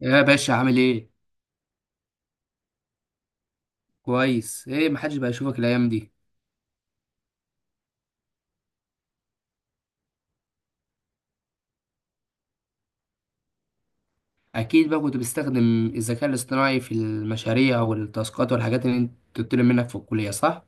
يا باشا عامل ايه؟ كويس. ايه محدش بقى يشوفك الايام دي؟ اكيد بقى كنت بتستخدم الذكاء الاصطناعي في المشاريع والتاسكات والحاجات اللي انت بتطلب منك في الكليه، صح؟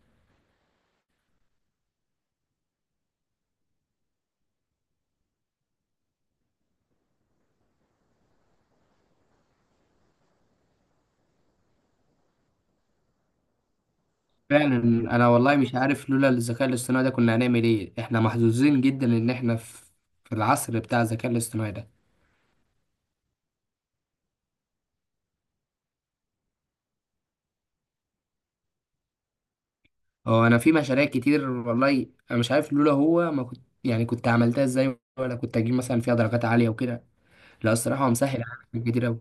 فعلا. انا والله مش عارف لولا الذكاء الاصطناعي ده كنا هنعمل ايه، احنا محظوظين جدا ان احنا في العصر بتاع الذكاء الاصطناعي ده. هو انا في مشاريع كتير، والله انا مش عارف لولا هو ما كنت، يعني كنت عملتها ازاي، ولا كنت اجيب مثلا فيها درجات عاليه وكده. لا الصراحه هو مسهل عليا حاجات كتير قوي.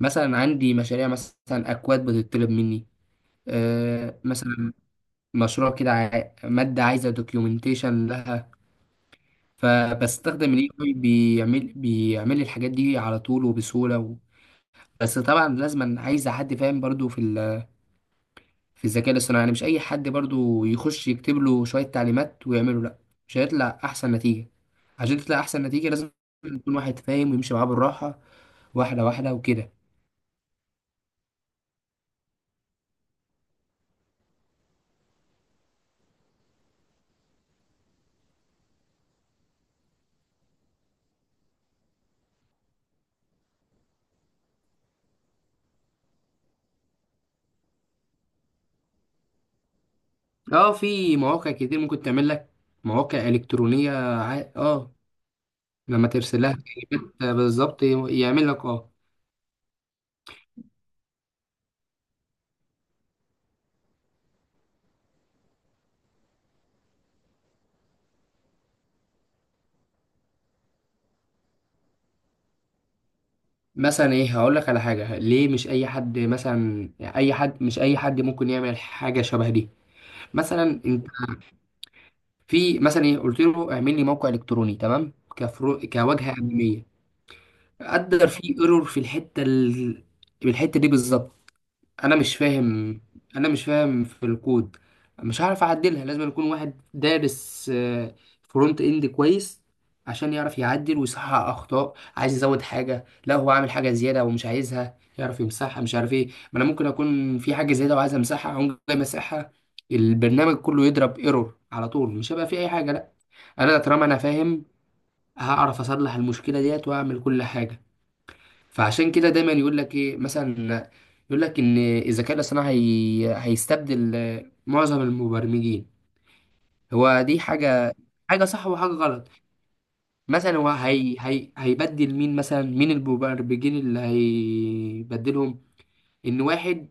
مثلا عندي مشاريع، مثلا اكواد بتطلب مني، مثلا مشروع كده مادة عايزة دوكيومنتيشن لها. فبستخدم الاي اي، بيعمل لي الحاجات دي على طول وبسهولة و... بس طبعا لازم عايز حد فاهم برضو في ال... في الذكاء الاصطناعي، يعني مش اي حد برضو يخش يكتب له شوية تعليمات ويعمله، لا مش هيطلع احسن نتيجة. عشان تطلع احسن نتيجة لازم يكون واحد فاهم ويمشي معاه بالراحة، واحدة واحدة وكده. اه في مواقع كتير ممكن تعمل لك مواقع إلكترونية، اه لما ترسلها كلمات بالظبط يعمل لك، اه مثلا ايه هقول لك على حاجه، ليه مش اي حد مثلا، اي حد مش اي حد ممكن يعمل حاجه شبه دي. مثلا انت في مثلا ايه، قلت له اعمل لي موقع الكتروني تمام كفرو كواجهه اماميه، قدر. في ايرور في الحته ال... في الحته دي بالظبط، انا مش فاهم، انا مش فاهم في الكود، مش هعرف اعدلها. لازم يكون واحد دارس فرونت اند كويس عشان يعرف يعدل ويصحح اخطاء، عايز يزود حاجه، لا هو عامل حاجه زياده ومش عايزها، يعرف يمسحها، مش عارف ايه. ما انا ممكن اكون في حاجه زياده وعايز امسحها، اقوم جاي مسحها، البرنامج كله يضرب ايرور على طول، مش هيبقى فيه اي حاجه، لا. انا طالما انا فاهم هعرف اصلح المشكله ديت واعمل كل حاجه. فعشان كده دايما يقول لك ايه مثلا، يقول لك ان الذكاء الاصطناعي هيستبدل معظم المبرمجين، هو دي حاجه، حاجه صح وحاجه غلط. مثلا هو هيبدل مين؟ مثلا مين المبرمجين اللي هيبدلهم؟ ان واحد،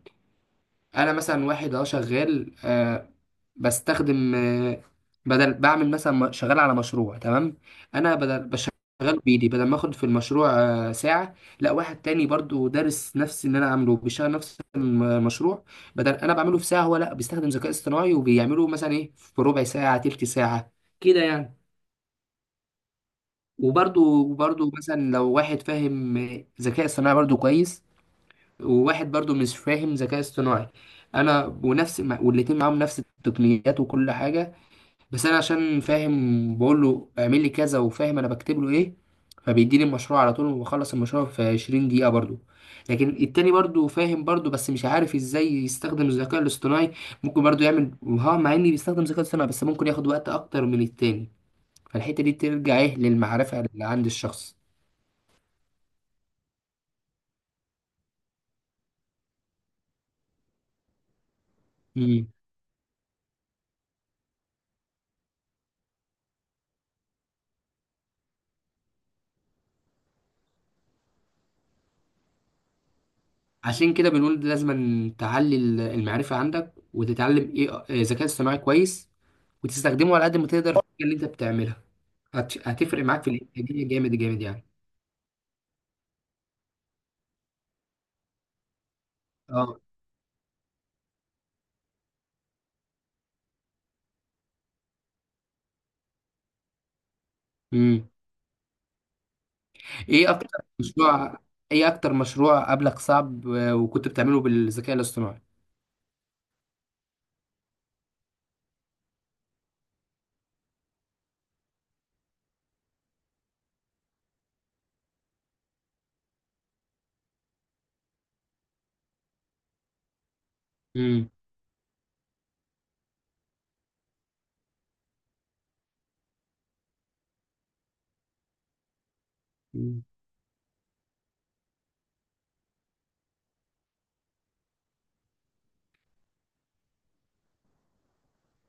انا مثلا واحد اه شغال، آه بستخدم آه، بدل بعمل مثلا م- شغال على مشروع تمام. انا بدل بشغل بايدي، بدل ما اخد في المشروع آه ساعه، لا واحد تاني برضو دارس نفس اللي انا عامله بيشتغل نفس المشروع، بدل انا بعمله في ساعه، هو لا بيستخدم ذكاء اصطناعي وبيعمله مثلا ايه في ربع ساعه، تلت ساعه، كده يعني. وبرضو مثلا لو واحد فاهم ذكاء اصطناعي برضو كويس، وواحد برضو مش فاهم ذكاء اصطناعي، انا ونفس والاتنين معاهم نفس التقنيات وكل حاجه، بس انا عشان فاهم بقول له اعمل لي كذا وفاهم انا بكتب له ايه، فبيديني المشروع على طول وبخلص المشروع في 20 دقيقه برضو. لكن التاني برضو فاهم برضو، بس مش عارف ازاي يستخدم الذكاء الاصطناعي، ممكن برضو يعمل ها مع اني بيستخدم الذكاء الاصطناعي، بس ممكن ياخد وقت اكتر من التاني. فالحته دي ترجع ايه للمعرفه اللي عند الشخص. عشان كده بنقول لازم تعلي المعرفة عندك وتتعلم ايه، ذكاء اصطناعي كويس، وتستخدمه على قد ما تقدر في الحاجة اللي انت بتعملها. هتفرق معاك في الانتاجية جامد جامد يعني. اه. امم ايه اكتر مشروع، ايه اكتر مشروع قبلك صعب وكنت بتعمله بالذكاء الاصطناعي؟ امم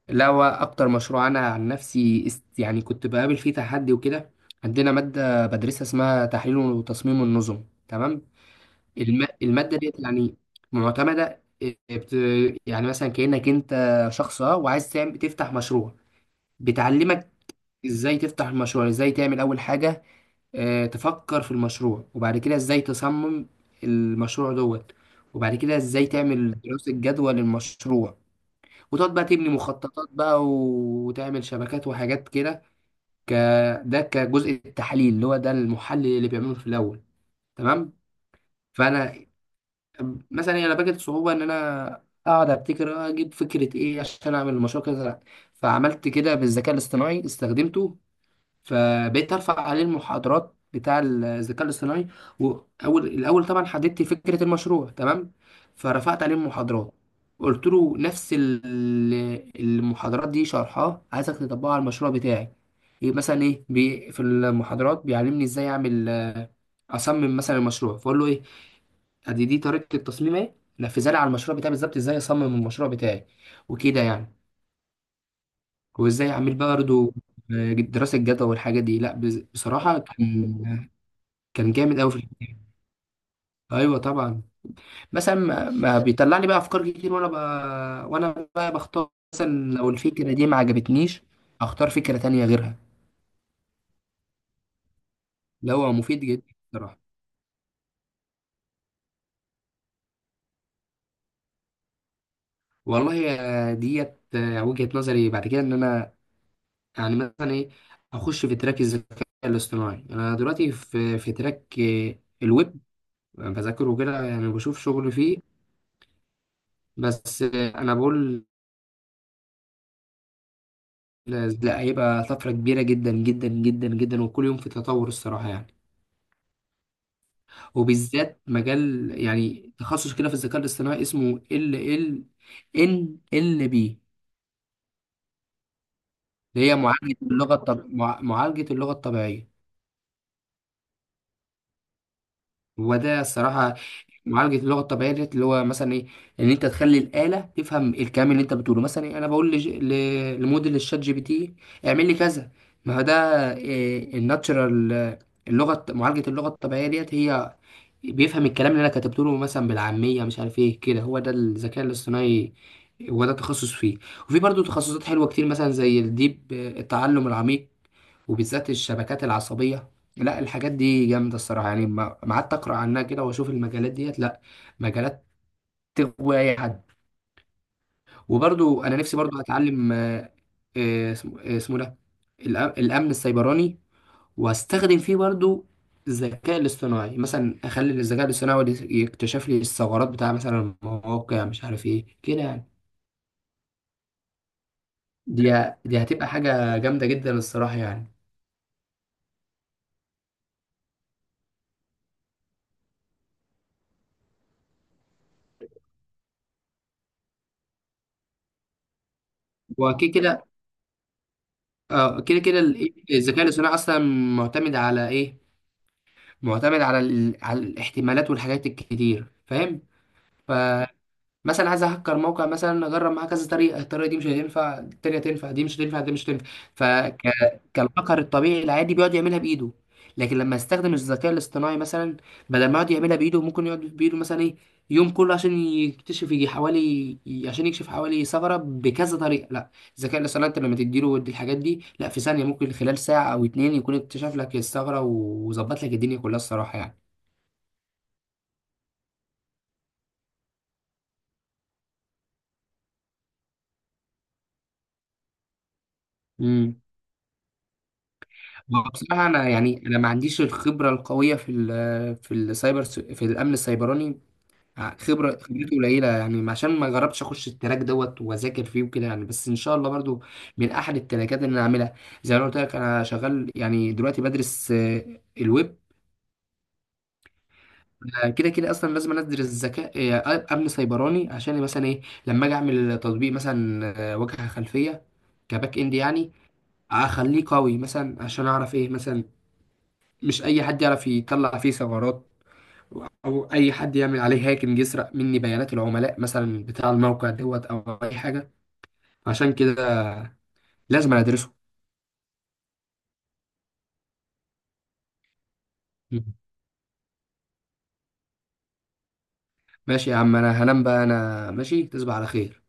لا هو اكتر مشروع انا عن نفسي يعني كنت بقابل فيه تحدي وكده، عندنا مادة بدرسها اسمها تحليل وتصميم النظم تمام. المادة ديت يعني معتمدة يعني مثلا كأنك انت شخص اه وعايز تعمل تفتح مشروع، بتعلمك ازاي تفتح المشروع، ازاي تعمل اول حاجة، تفكر في المشروع، وبعد كده ازاي تصمم المشروع دوت، وبعد كده ازاي تعمل دراسة جدوى للمشروع، وتقعد بقى تبني مخططات بقى وتعمل شبكات وحاجات كده. ك... ده كجزء التحليل اللي هو ده المحلل اللي بيعمله في الاول، تمام. فانا طب مثلا انا واجهت صعوبه ان انا اقعد ابتكر اجيب فكره ايه عشان اعمل المشروع كذا، لأ. فعملت كده بالذكاء الاصطناعي، استخدمته، فبقيت ارفع عليه المحاضرات بتاع الذكاء الاصطناعي، واول الاول طبعا حددت فكره المشروع تمام، فرفعت عليه المحاضرات. قلت له نفس المحاضرات دي شرحها عايزك تطبقها على المشروع بتاعي، ايه مثلا ايه بي في المحاضرات بيعلمني ازاي اعمل، اصمم مثلا المشروع، فاقول له ايه، ادي دي طريقة التصميم اهي، نفذها لي على المشروع بتاعي بالظبط، ازاي اصمم المشروع بتاعي وكده يعني، وازاي اعمل بقى برضه دراسة جدوى والحاجات دي. لا بصراحة كان، كان جامد قوي في الحكاية. ايوه طبعا مثلا ما بيطلع لي بقى افكار كتير، وانا بقى بختار مثلا، لو الفكرة دي ما عجبتنيش اختار فكرة تانية غيرها، اللي هو مفيد جدا بصراحة. والله ديت وجهة نظري بعد كده ان انا يعني مثلا ايه اخش في تراك الذكاء الاصطناعي، انا دلوقتي في تراك الويب، أنا بذاكره كده يعني بشوف شغل فيه، بس انا بقول لا هيبقى طفرة كبيرة جدا جدا جدا جدا، وكل يوم في تطور الصراحة يعني. وبالذات مجال يعني تخصص كده في الذكاء الاصطناعي اسمه ال ان ال بي، اللي هي معالجة اللغة الطبيعية. وده الصراحة معالجة اللغة الطبيعية ديت اللي هو مثلا ايه، ان انت تخلي الآلة تفهم الكلام اللي انت بتقوله، مثلا إيه انا بقول لموديل الشات جي بي تي اعمل لي كذا، ما هو ده إيه، الناتشرال، معالجة اللغة الطبيعية ديت، هي بيفهم الكلام اللي انا كتبته له مثلا بالعامية، مش عارف ايه كده، هو ده الذكاء الاصطناعي، هو ده التخصص فيه. وفي برضه تخصصات حلوة كتير، مثلا زي الديب، التعلم العميق، وبالذات الشبكات العصبية، لا الحاجات دي جامدة الصراحة يعني، ما قعدت أقرأ عنها كده وأشوف المجالات ديت، لا مجالات تغوي أي حد. وبرضو أنا نفسي برضو أتعلم اسمه ده الأمن السيبراني، وأستخدم فيه برضو الذكاء الاصطناعي، مثلا أخلي الذكاء الاصطناعي هو اللي يكتشف لي الثغرات بتاع مثلا المواقع، مش عارف إيه كده يعني، دي دي هتبقى حاجة جامدة جدا الصراحة يعني. وأكيد كده. اه كده كده الذكاء الاصطناعي اصلا معتمد على ايه؟ معتمد على ال... على الاحتمالات والحاجات الكتير، فاهم؟ ف مثلا عايز اهكر موقع، مثلا اجرب معاه كذا طريقه، الطريقه دي مش هتنفع، التانيه تنفع، دي مش هتنفع، دي مش هتنفع، فك كالهكر الطبيعي العادي بيقعد يعملها بايده. لكن لما استخدم الذكاء الاصطناعي مثلا، بدل ما يقعد يعملها بايده ممكن يقعد بايده مثلا ايه، يوم كله عشان يكتشف، يجي حوالي، عشان يكشف حوالي ثغره بكذا طريقه، لا الذكاء الاصطناعي انت لما تديله دي الحاجات دي، لا في ثانيه، ممكن خلال ساعه او اتنين يكون اكتشف لك الثغره وظبط لك الدنيا كلها الصراحه يعني. هو بصراحة أنا يعني أنا ما عنديش الخبرة القوية في ال في السايبر في الأمن السيبراني، خبرة خبرتي قليلة يعني عشان ما جربتش أخش التراك دوت وأذاكر فيه وكده يعني، بس إن شاء الله برضو من أحد التراكات اللي أنا أعملها، زي ما أنا قلت لك أنا شغال، يعني دلوقتي بدرس الويب. أنا كده كده أصلا لازم أنا أدرس ذكاء أمن سيبراني، عشان مثلا إيه لما أجي أعمل تطبيق مثلا واجهة خلفية، كباك إند يعني، أخليه قوي، مثلا عشان أعرف إيه مثلا مش اي حد يعرف يطلع فيه ثغرات، او اي حد يعمل عليه هاكينج يسرق مني بيانات العملاء مثلا بتاع الموقع دوت او اي حاجه، عشان كده لازم أنا ادرسه. مم. ماشي يا عم، انا هنام بقى، انا ماشي، تصبح على خير.